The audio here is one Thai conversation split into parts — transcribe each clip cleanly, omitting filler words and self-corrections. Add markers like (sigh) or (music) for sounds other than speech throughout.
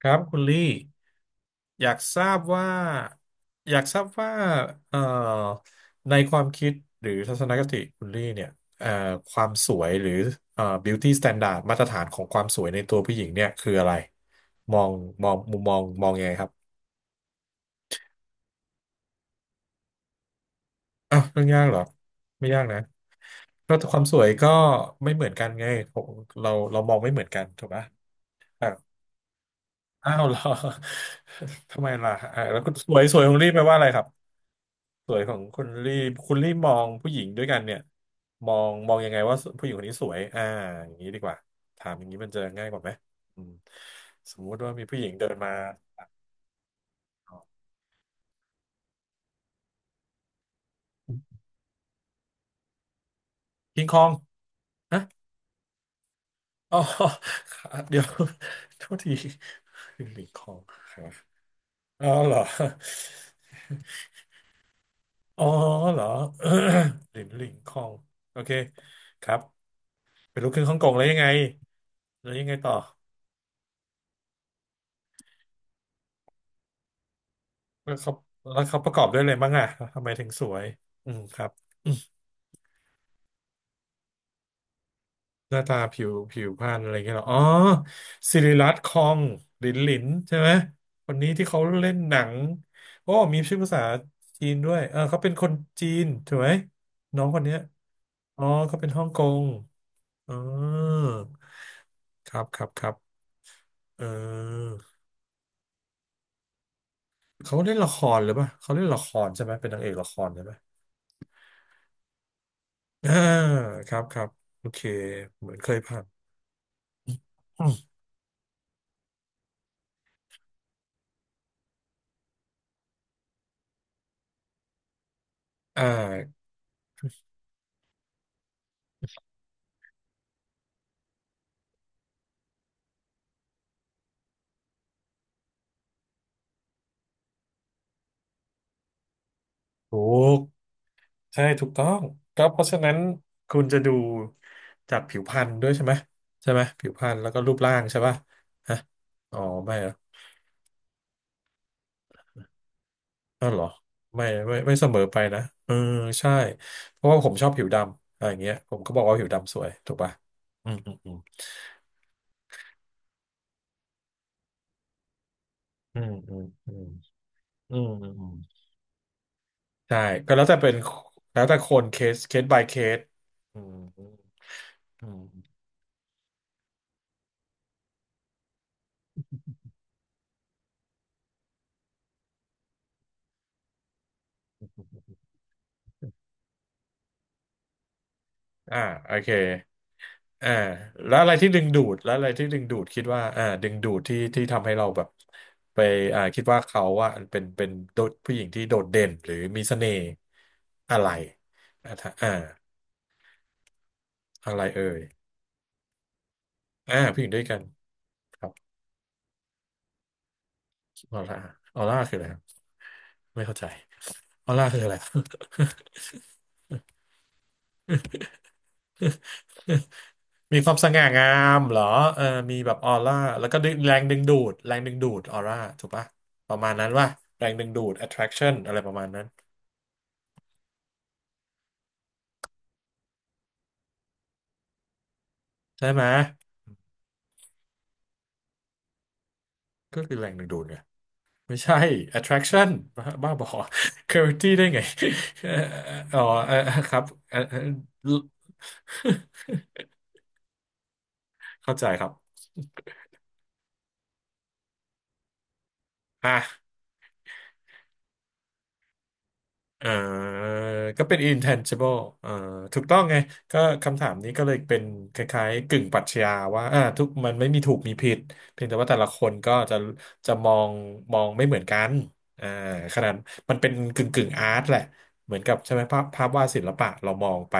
ครับคุณลี่อยากทราบว่าอยากทราบว่าเอ่อในความคิดหรือทัศนคติคุณลี่เนี่ยเอ่อความสวยหรือbeauty standard มาตรฐานของความสวยในตัวผู้หญิงเนี่ยคืออะไรมองมองมุมมองมองยังไงครับอ้าวเรื่องยากเหรอไม่ยากนะเพราะความสวยก็ไม่เหมือนกันไงผมเราเรามองไม่เหมือนกันถูกปะอ้าวอ้าวเหรอ (laughs) ทำไมล่ะอ่าแล้วคุณสวยสวยของลี่แปลว่าอะไรครับ สวยของคุณลี่คุณลี่มองผู้หญิงด้วยกันเนี่ยมองมองยังไงว่าผู้หญิงคนนี้สวยอ่าอย่างนี้ดีกว่าถามอย่างนี้มันจะง่ายกว่าไหมอืมสมมุติว่ามีผู้หญิงเดินมาคิงคองฮะอ๋อ (laughs) เดี๋ยว (laughs) โทษทีลิงคองอ๋อเหรออ๋อเหรอ (coughs) ลินลิงคอง (coughs) โอเคครับเป็นลูกครึ่งฮ่องกงแล้วยังไงแล้วยังไงต่อ แล้วเขาแล้วเขาประกอบด้วยอะไรบ้างอ่ะทำไมถึงสวยอืมครับหน้าตาผิวผิวพรรณอะไรเงี้ยเหรออ๋อศิริรัตน์คองหลินหลินใช่ไหมคนนี้ที่เขาเล่นหนังโอ้มีชื่อภาษาจีนด้วยเออเขาเป็นคนจีนถูกไหมน้องคนเนี้ยอ๋อเขาเป็นฮ่องกงอ๋อครับครับครับเออเขาเล่นละครหรือเปล่าเขาเล่นละครใช่ไหมเป็นนางเอกละครใช่ไหมอ่าครับครับโอเคเหมือนเคยผ่าน อืมอ่าถูกใช่ถูกต้องก็เพราะฉะนั้นคุณจะดูจากผิวพรรณด้วยใช่ไหมใช่ไหมผิวพรรณแล้วก็รูปร่างใช่ป่ะฮะอ๋อไม่เหรออ้าวเหรอไม่ไม่ไม่เสมอไปนะเออใช่เพราะว่าผมชอบผิวดำอะไรอย่างเงี้ยผมก็บอกว่าผิวดำสวยถูกป่ะอืมอืมอืมอืมอืมอืมอืมอืมอืมใช่ก็แล้วแต่เป็นแล้วแต่คนเคสเคส by เคสอืมอืมอืมอ่าโอเค อ่าแล้วอะไรที่ดึงดูดแล้วอะไรที่ดึงดูดคิดว่าอ่าดึงดูดที่ที่ทำให้เราแบบไปอ่าคิดว่าเขาว่าเป็นเป็นโดดผู้หญิงที่โดดเด่นหรือมีเสน่ห์อะไรอ่าถ้าอ่าอะไรเอ่ยอ่าผู้หญิงด้วยกันครับออร่าออร่าคืออะไรครับไม่เข้าใจออร่าคืออะไร (laughs) มีความสง่างามเหรอเออมีแบบออร่าแล้วก็ดึงแรงดึงดูดแรงดึงดูดออร่าถูกปะประมาณนั้นว่าแรงดึงดูด attraction อะไรประมาณนั้นใช่ไหม ก็คือแรงดึงดูดไงไม่ใช่ attraction บ้าบ้าบอ (laughs) gravity ได้ไง (laughs) เอ่ออ๋อเอ่อครับเอ่อเข้าใจครับอ่ะ อ่าก็เป็น intangible อ่าถูกต้องไงก็คำถามนี้ก็เลยเป็นคล้ายๆกึ่งปรัชญาว่าอ่าทุกมันไม่มีถูกมีผิดเพียงแต่ว่าแต่ละคนก็จะจะมองมองไม่เหมือนกันอ่าขนาดมันเป็นกึ่งกึ่งอาร์ตแหละเหมือนกับใช่ไหมภาพภาพวาดศิลปะเรามองไป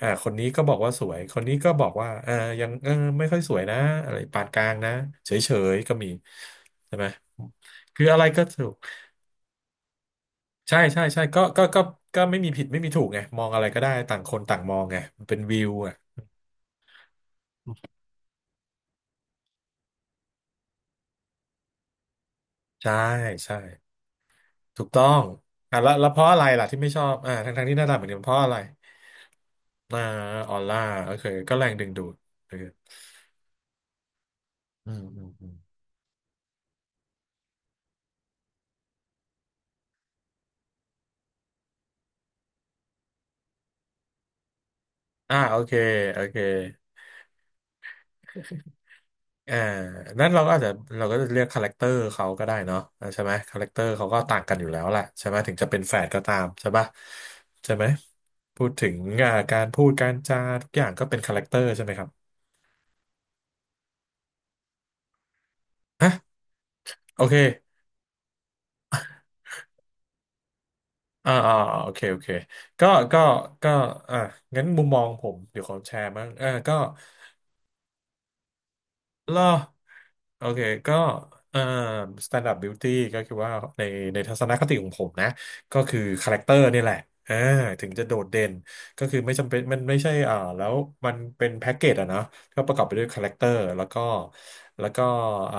อ่าคนนี้ก็บอกว่าสวยคนนี้ก็บอกว่าเออยังเออไม่ค่อยสวยนะอะไรปานกลางนะเฉยๆก็มีใช่ไหมคืออะไรก็ถูก ใช่ใช่ใช่ก็ก็ก็ก็ไม่มีผิดไม่มีถูกไงมองอะไรก็ได้ต่างคนต่างมองไงมันเป็นวิวอ่ะใช่ใช่ถูกต้องอ่ะแล้วแล้วเพราะอะไรล่ะที่ไม่ชอบอ่าทั้งทั้งที่หน้าตาเหมือนกันเพราะอะไรอ่าออร่าโอเคก็แรงดึงดูดโอเคอืมอืมอืมอ่าโอเคโอเคอ่านั่นเราก็อาจจะเราก็จะเรียกคาแรคเตอร์เขาก็ได้เนาะอ่าใช่ไหมคาแรคเตอร์เขาก็ต่างกันอยู่แล้วแหละใช่ไหมถึงจะเป็นแฝดก็ตามใช่ปะใช่ไหมพูดถึงอ่าการพูดการจาทุกอย่างก็เป็นคาแรคเตอร์ใช่ไหมครับ โอเคอ่าอ่าโอเค โอเคก็ก็ก็อ่างั้นมุมมองผม เดี๋ยวขอแชร์บ้างอ่าก็ล่อโอเค ก็เอ่อ standard beauty ก็คือว่าในในทัศนคติของผมนะ ก็คือคาแรคเตอร์นี่แหละอ่าถึงจะโดดเด่น ก็คือไม่จำเป็นมันไม่ใช่อ่าแล้วมันเป็นแพ็กเกจอะนะ ก็ประกอบไปด้วยคาแรคเตอร์แล้วก็แล้วก็เอ่อ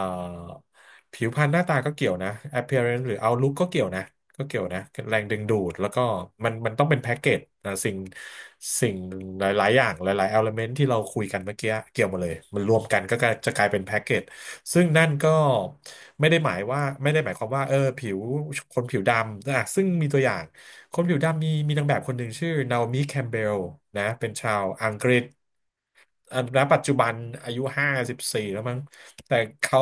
ผิวพรรณหน้าตาก็เกี่ยวนะ appearance หรือ outlook ก็เกี่ยวนะก็เกี่ยวนะแรงดึงดูดแล้วก็มันมันต้องเป็นแพ็กเกจนะสิ่งสิ่งหลายๆอย่างหลายๆ element ที่เราคุยกันเมื่อกี้เกี่ยวหมาเลยมันรวมกันก็จะกลายเป็นแพ็กเกจซึ่งนั่นก็ไม่ได้หมายว่าไม่ได้หมายความว่าผิวคนผิวดำนะซึ่งมีตัวอย่างคนผิวดำมีนางแบบคนหนึ่งชื่อนาโอมิแคมเบลนะเป็นชาวอังกฤษ ณปัจจุบันอายุ54แล้วมั้งแต่เขา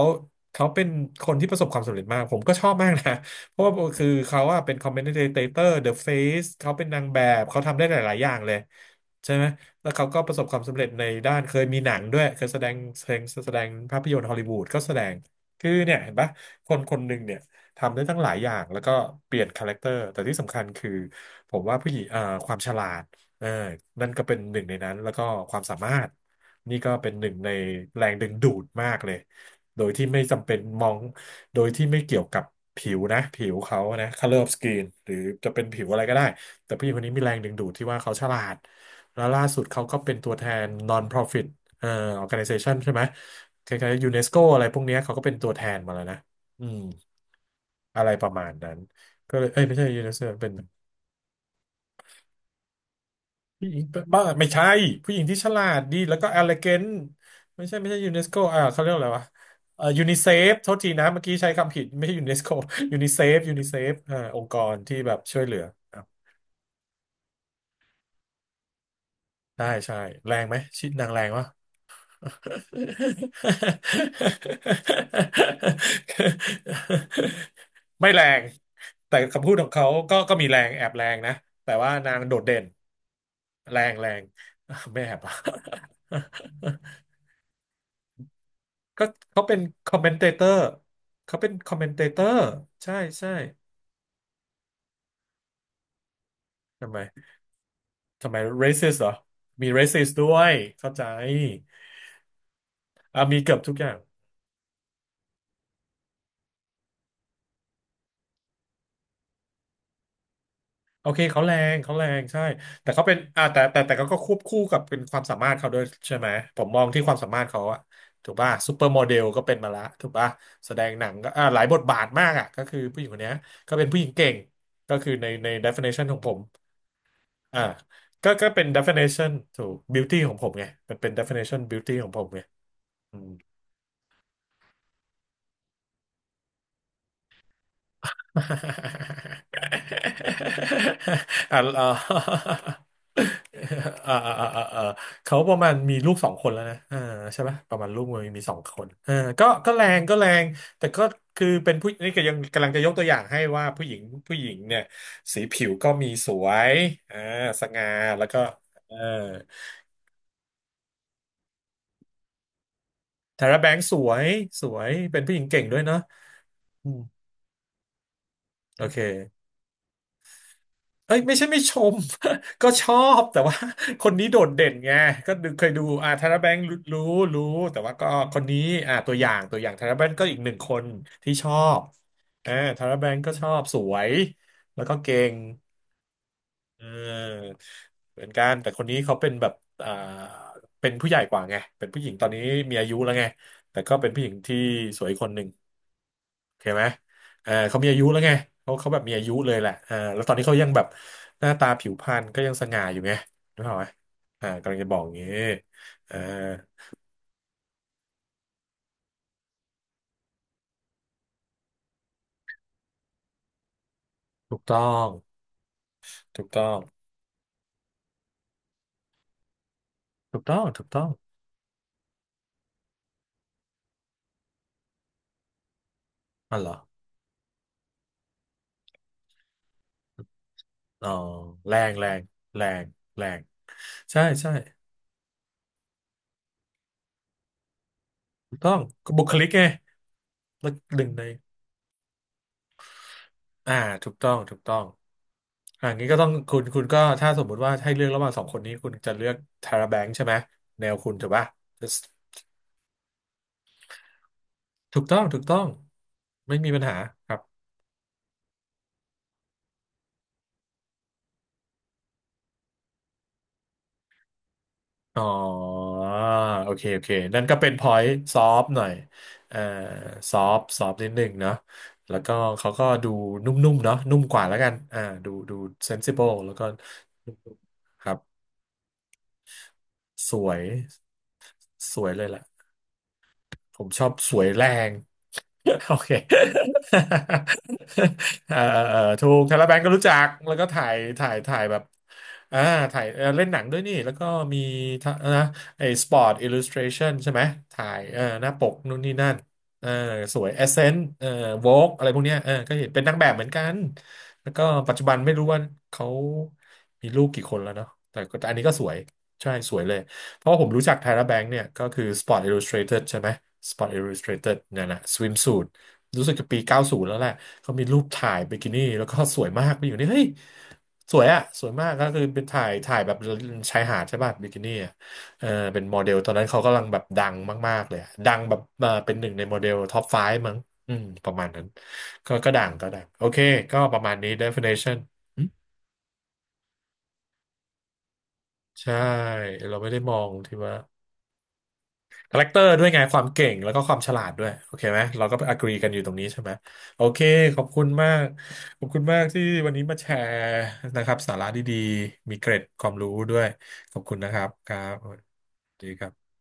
เขาเป็นคนที่ประสบความสำเร็จมากผมก็ชอบมากนะ (laughs) เพราะว่าคือเขาอะเป็น commentator The Face เขาเป็นนางแบบเขาทำได้หลายๆอย่างเลยใช่ไหมแล้วเขาก็ประสบความสำเร็จในด้านเคยมีหนังด้วยเคยแสดงภาพยนตร์ฮอลลีวูดก็แสดงคือเนี่ยเห็นปะคนคนหนึ่งเนี่ยทำได้ตั้งหลายอย่างแล้วก็เปลี่ยนคาแรคเตอร์แต่ที่สำคัญคือผมว่าผู้หญิงความฉลาด เออนั่นก็เป็นหนึ่งในนั้นแล้วก็ความสามารถ นี่ก็เป็นหนึ่งในแรงดึงดูดมากเลย โดยที่ไม่จำเป็นมอง โดยที่ไม่เกี่ยวกับผิวนะผิวเขานะ color of skin หรือจะเป็นผิวอะไรก็ได้แต่ผู้หญิงคนนี้มีแรงดึงดูดที่ว่าเขาฉลาดแล้วล่าสุดเขาก็เป็นตัวแทน non-profit เอ่อ organization ใช่ไหมคล้ายๆยูเนสโกอะไรพวกเนี้ยเขาก็เป็นตัวแทนมาแล้วนะอืมอะไรประมาณนั้นก็เลยเอ้ยไม่ใช่ยูเนสโกเป็น ผู้หญิงบ้าไม่ใช่ผู้หญิงที่ฉลาดดีแล้วก็ e l ล e ก a น t ไม่ใช่ไม่ใช่ยูเนสโกเขาเรียกอะไรวะยูนิเซฟโทษทีนะเมื่อกี้ใช้คำผิดไม่ใช่ยูเนสโกยูนิเซฟยูนิเซฟ (laughs) องค์กรที่แบบช่วยเหลืออ่ะใช่ใช่แรงไหมชิดนางแรงวะ (laughs) ไม่แรงแต่คำพูดของเขาก็มีแรงแอบแรงนะแต่ว่านางโดดเด่นแรงแรง (laughs) ไม่แอบอะ ก็เขาเป็นคอมเมนเตเตอร์เขาเป็นคอมเมนเตเตอร์ใช่ใช่ทำไมทำไม racist เหรอมี racist ด้วยเข้าใจอ่ะมีเกือบทุกอย่างโอเคเขาแรงเขาแรงใช่แต่เขาเป็นอ่ะแต่แต่แต่เขาก็ควบคู่กับเป็นความสามารถเขาด้วยใช่ไหมผมมองที่ความสามารถเขาอะถูกป่ะซูเปอร์โมเดลก็เป็นมาละถูกป่ะแสดงหนังก็อ่ะหลายบทบาทมากอะก็คือผู้หญิงคนเนี้ยก็เป็นผู้หญิงเก่งก็คือใน definition ของผม อ่าก็เป็น definition ถูก beauty ของผมไงมันเป็น definition beauty ของผมไงอืม (laughs) อ่าอ่า (laughs) อ่าอ่าอ่าอ่าเขาประมาณมีลูกสองคนแล้วนะอ่าใช่ปะประมาณลูกมีสองคนก็แรงก็แรงแต่ก็คือเป็นผู้นี่ก็ยังกำลังจะยกตัวอย่างให้ว่าผู้หญิงผู้หญิงเนี่ยสีผิวก็มีสวยอ่าสง่าแล้วก็เออทาร่าแบงค์สวยสวยเป็นผู้หญิงเก่งด้วยเนาะ อืมโอเคเอ้ยไม่ใช่ไม่ชม (laughs) ก็ชอบแต่ว่า (laughs) คนนี้โดดเด่นไงก็ดูเคยดูธารแบงค์รู้รู้แต่ว่าก็คนนี้ตัวอย่างตัวอย่างธารแบงค์ก็อีกหนึ่งคนที่ชอบอ่าธารแบงค์ก็ชอบสวยแล้วก็เก่งเออเหมือนกันแต่คนนี้เขาเป็นแบบอ่าเป็นผู้ใหญ่กว่าไงเป็นผู้หญิงตอนนี้มีอายุแล้วไงแต่ก็เป็นผู้หญิงที่สวยคนหนึ่ง เข้าไหมเขามีอายุแล้วไงเขาเขาแบบมีอายุเลยแหละเออแล้วตอนนี้เขายังแบบหน้าตาผิวพรรณก็ยังสง่าอยู่ไงรู้ไหมกำลังจะบอกอย่างงี้เออถูกต้องถูกต้องถูกต้องถูกต้องอ๋อเหรออ๋อแรงแรงแรงแรงใช่ใช่ถูกต้องก็บุคลิกไงแล้วหนึ่งในอ่าถูกต้องถูกต้องงี้ก็ต้องคุณก็ถ้าสมมุติว่าให้เลือกระหว่างสองคนนี้คุณจะเลือกทาราแบงค์ใช่ไหมแนวคุณถูกป่ะ ถูกต้องถูกต้องไม่มีปัญหาครับอ๋อโอเคโอเคนั่นก็เป็นพอยต์ซอฟหน่อยเอ่อซอฟซอฟนิดหนึ่งเนาะแล้วก็เขาก็ดูนุ่มๆเนาะนุ่มกว่าแล้วกันดูเซนซิ b บ e แล้วก็นุ่มๆครับสวยสวยเลยแหละ ผมชอบสวยแรง (laughs) โอเค (laughs) เอ่อถูกทาราแบงก์ก็รู้จักแล้วก็ถ่ายแบบอ่าถ่ายเล่นหนังด้วยนี่แล้วก็มีทะนะไอ้สปอร์ตอิลลูสทรชันใช่ไหมถ่ายหน้าปกนู่นนี่นั่นเออสวยเอเซนต์โวกอะไรพวกเนี้ยก็เห็นเป็นนางแบบเหมือนกันแล้วก็ปัจจุบันไม่รู้ว่าเขามีลูกกี่คนแล้วเนาะแต่ก็แต่อันนี้ก็สวยใช่สวยเลย เพราะผมรู้จัก Tyra Banks เนี่ยก็คือ Sport Illustrated ใช่ไหม Sport Illustrated เนั่ยนแหะ swimsuit รู้สึกจะปี 90 แล้วแหละเขามีรูปถ่ายบิกินี่แล้วก็สวยมากไปอยู่นี่เฮ้ยสวยอะสวยมากก็คือเป็นถ่ายถ่ายแบบชายหาดใช่ป่ะบิกินี่อะเออเป็นโมเดลตอนนั้นเขากำลังแบบดังมากๆเลยอะดังแบบเป็นหนึ่งในโมเดลท็อป5มั้งอืมประมาณนั้นก็ดังก็ดังโอเคก็ประมาณนี้ definition ใช่เราไม่ได้มองที่ว่า คาแรคเตอร์ด้วยไงความเก่งแล้วก็ความฉลาดด้วยโอเคไหมเราก็ไป agree กันอยู่ตรงนี้ใช่ไหมโอเคขอบคุณมากขอบคุณมากที่วันนี้มาแชร์นะครับสาระดีๆมีเกร็ดความรู้ด้วยขอบคุณนะครับครับสวัสดีครับ